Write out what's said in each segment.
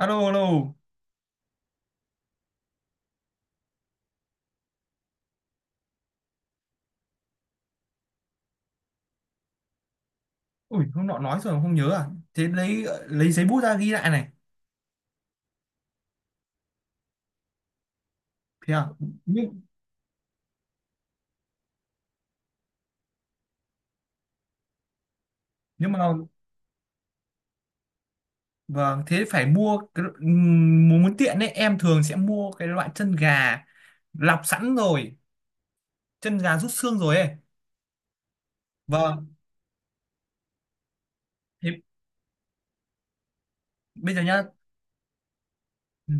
Alo, alo. Ui, hôm nọ nói rồi mà không nhớ à? Thế lấy giấy bút ra ghi lại này. Thế à? nhưng nhưng mà vâng, thế phải mua cái muốn muốn tiện ấy em thường sẽ mua cái loại chân gà lọc sẵn rồi, chân gà rút xương rồi ấy. Vâng, thế bây giờ nhá. Ừ,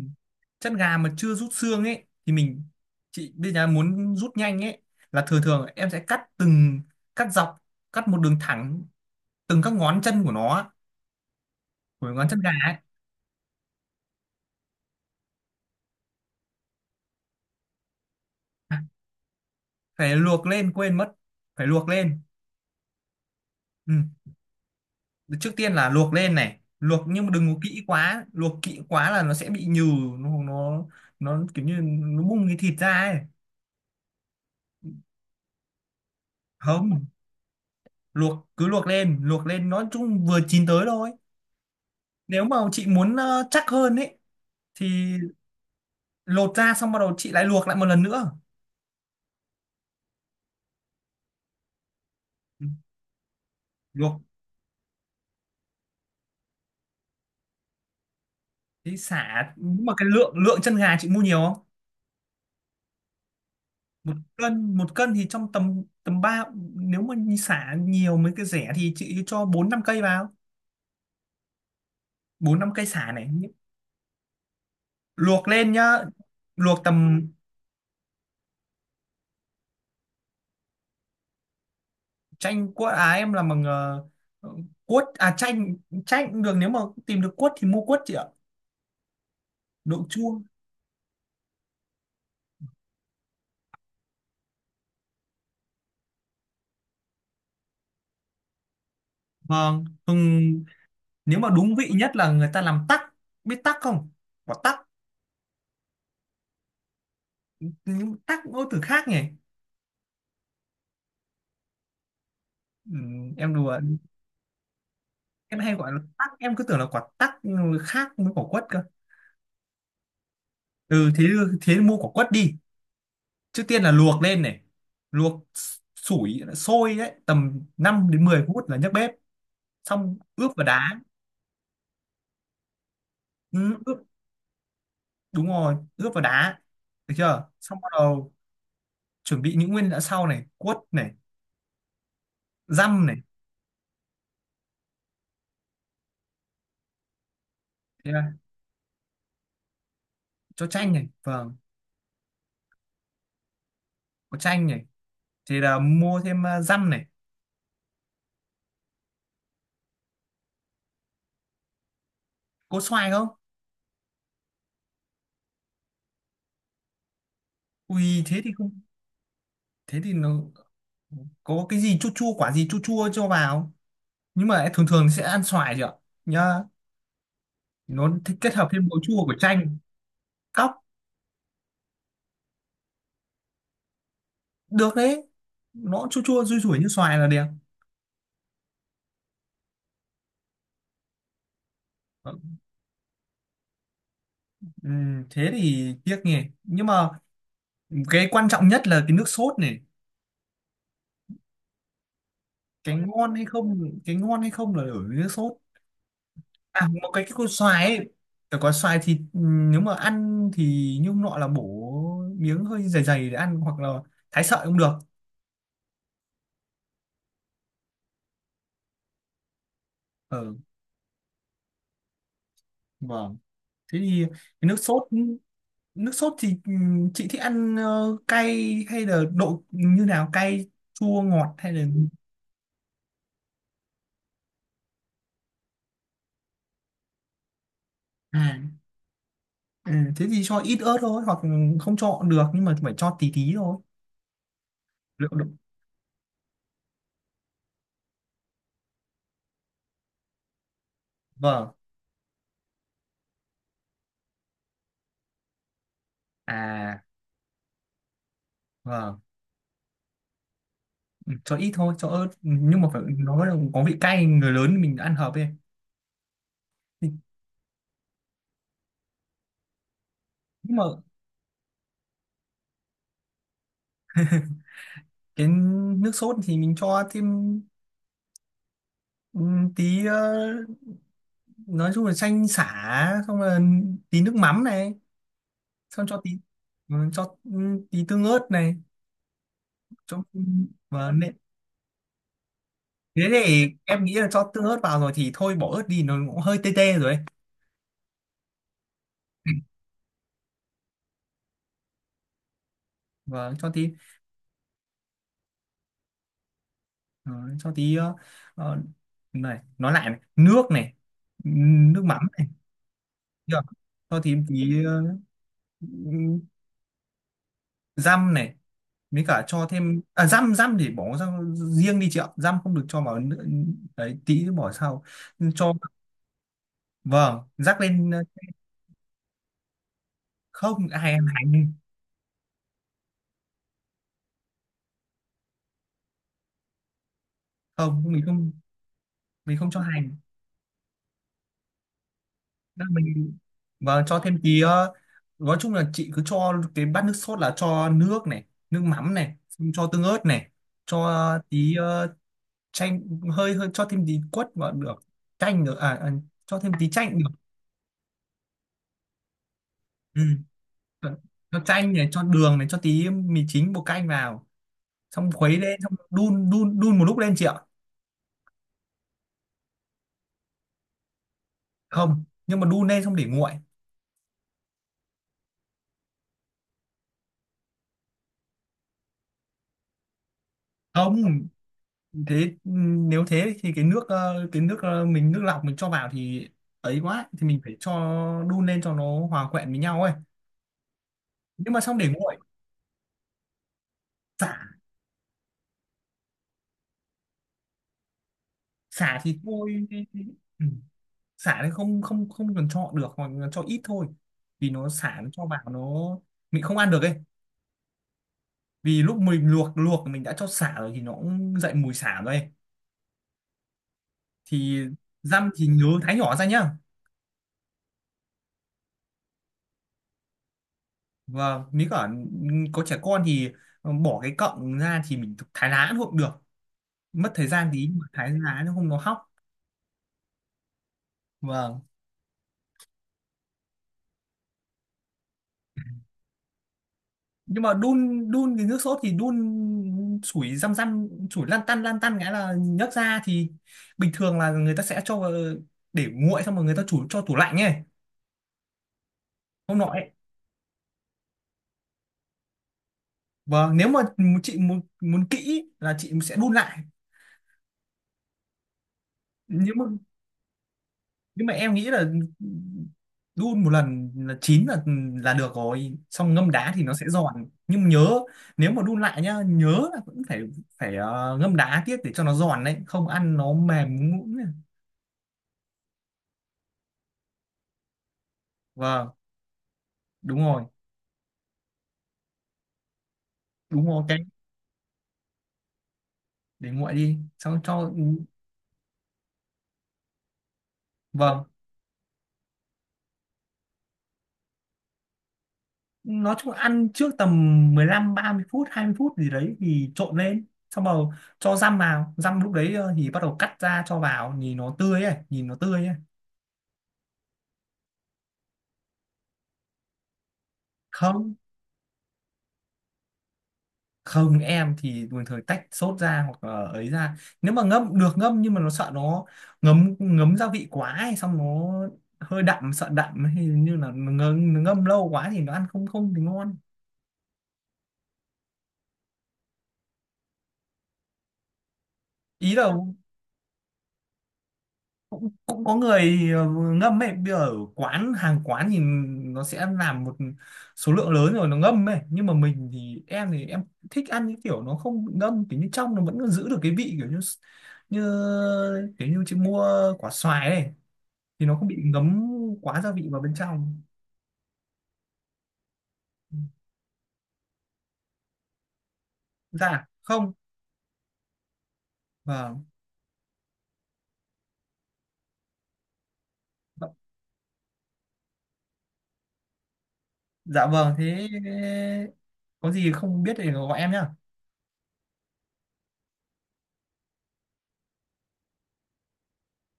chân gà mà chưa rút xương ấy thì mình, chị bây giờ muốn rút nhanh ấy, là thường thường em sẽ cắt từng, cắt dọc, cắt một đường thẳng từng các ngón chân của nó, của ngón chân gà ấy. À, phải luộc lên, quên mất, phải luộc lên. Ừ. Trước tiên là luộc lên này, luộc nhưng mà đừng có kỹ quá, luộc kỹ quá là nó sẽ bị nhừ. nó nó nó kiểu như nó bung cái thịt ra ấy. Không, luộc cứ luộc lên, luộc lên nó chung vừa chín tới thôi. Nếu mà chị muốn chắc hơn ấy thì lột ra, xong bắt đầu chị lại luộc lại một lần nữa. Ừ, luộc thì xả. Nhưng mà cái lượng lượng chân gà chị mua nhiều không? Một cân. Một cân thì trong tầm tầm ba, nếu mà xả nhiều mấy cái rẻ thì chị cho bốn năm cây vào, bốn năm cây xả này. Luộc lên nhá, luộc tầm. Chanh cuốt à, em làm bằng cuốt à? Chanh, chanh cũng được. Nếu mà tìm được cuốt thì mua cuốt chị ạ, đậu chua. Vâng, hừng. Nếu mà đúng vị nhất là người ta làm tắc, biết tắc không, quả tắc. Nhưng tắc ngôn từ khác nhỉ. Ừ, em đùa. Em hay gọi là tắc, em cứ tưởng là quả tắc khác với quả quất cơ. Ừ, thế thế mua quả quất đi. Trước tiên là luộc lên này, luộc sủi sôi đấy tầm 5 đến 10 phút là nhấc bếp, xong ướp vào đá. Ừ, ướp, đúng rồi, ướp vào đá. Được chưa, xong bắt đầu chuẩn bị những nguyên liệu sau này: quất này, dăm này. Thế là cho chanh này, vâng, có chanh này, thì là mua thêm dăm này. Có xoài không? Ui, thế thì không. Thế thì nó, có cái gì chua chua, quả gì chua chua cho vào. Nhưng mà thường thường sẽ ăn xoài chưa nhá, nó thích kết hợp thêm màu chua của chanh. Cóc được đấy, nó chua chua rui rủi như xoài là đẹp. Ờ, thế thì tiếc nhỉ. Nhưng mà cái quan trọng nhất là cái nước sốt này. Cái ngon hay không, cái ngon hay không là ở nước sốt. À, một cái con xoài ấy, phải có xoài thì nếu mà ăn thì nhung nọ là bổ miếng hơi dày dày để ăn, hoặc là thái sợi cũng được. Ờ, vâng, thế thì cái nước sốt. Nước sốt thì chị thích ăn cay hay là độ như nào, cay chua ngọt hay là? À, ừ, thế thì cho ít ớt thôi, hoặc không cho được, nhưng mà phải cho tí tí thôi. Lượng độ. Vâng. À, vâng. Ừ, cho ít thôi, cho ớt. Ừ, nhưng mà phải nó là có vị cay người lớn mình ăn hợp ấy. Thì- nhưng mà cái nước sốt thì mình cho thêm tí nói chung là chanh sả xong là tí nước mắm này, xong cho tí, ừ, cho, ừ, tí tương ớt này. Cho và nệ- thế thì em nghĩ là cho tương ớt vào rồi thì thôi bỏ ớt đi, nó cũng hơi tê tê rồi ấy. Và cho tí ờ, cho tí ờ, này, nói lại này. Nước này, ừ, nước mắm này. Được, cho tí tí răm này. Mới cả cho thêm dăm răm thì bỏ ra riêng đi chị ạ, răm không được cho vào nữa. Đấy, tí nữa bỏ sau. Cho, vâng, rắc lên không ai ăn hành. Không, mình không cho hành. Đó, mình, và cho thêm tí nói chung là chị cứ cho cái bát nước sốt là cho nước này, nước mắm này, xong cho tương ớt này, cho tí chanh, hơi hơi cho thêm tí quất vào được, chanh nữa à, cho thêm tí chanh được. Ừ. cho cho chanh này, cho đường này, cho tí mì chính, bột canh vào, xong khuấy lên, xong đun đun đun một lúc lên chị ạ. Không, nhưng mà đun lên xong để nguội. Không, thế nếu thế thì cái nước cái nước mình nước lọc mình cho vào thì, ấy quá thì mình phải cho đun lên cho nó hòa quyện với nhau ấy. Nhưng mà xong để nguội. Xả Xả thì thôi. Ừ, xả thì không không không cần cho được, hoặc là cho ít thôi. Vì nó xả nó cho vào nó, mình không ăn được ấy. Vì lúc mình luộc luộc mình đã cho xả rồi thì nó cũng dậy mùi xả rồi ấy. Thì răm thì nhớ thái nhỏ ra nhá. Và nếu cả có trẻ con thì bỏ cái cọng ra thì mình thái lá cũng được, mất thời gian tí nhưng mà thái lá nó không nó hóc. Vâng, nhưng mà đun đun cái nước sốt thì đun sủi răm răm, sủi lăn tăn nghĩa là nhấc ra. Thì bình thường là người ta sẽ cho vào để nguội, xong rồi người ta chủ cho tủ lạnh ấy, không nọ ấy. Vâng, nếu mà chị muốn muốn kỹ là chị sẽ đun lại. Nếu mà nhưng mà em nghĩ là đun một lần là chín là được rồi, xong ngâm đá thì nó sẽ giòn. Nhưng nhớ, nếu mà đun lại nhá, nhớ là vẫn phải phải ngâm đá tiếp để cho nó giòn đấy, không ăn nó mềm nhũn nhũn này. Vâng. Đúng rồi. Đúng rồi. Ok, để nguội đi xong cho. Vâng, nói chung là ăn trước tầm 15, 30 phút, 20 phút gì đấy thì trộn lên, xong rồi cho răm vào, răm lúc đấy thì bắt đầu cắt ra cho vào, nhìn nó tươi ấy, nhìn nó tươi ấy. Không Không, em thì bình thường tách sốt ra, hoặc là ấy ra. Nếu mà ngâm được ngâm, nhưng mà nó sợ nó ngấm ngấm gia vị quá, hay xong nó hơi đậm, sợ đậm, hay như là ngâm lâu quá thì nó ăn không, không thì ngon. Ý là cũng có người ngâm ấy. Bây giờ ở quán, hàng quán thì nó sẽ làm một số lượng lớn rồi nó ngâm ấy. Nhưng mà mình thì, em thích ăn những kiểu nó không bị ngâm, kiểu như trong nó vẫn giữ được cái vị, kiểu như, như, kiểu như chị mua quả xoài ấy thì nó không bị ngấm quá gia vị vào bên trong. Dạ không. Vâng. Dạ vâng, thế có gì không biết thì gọi em nhá.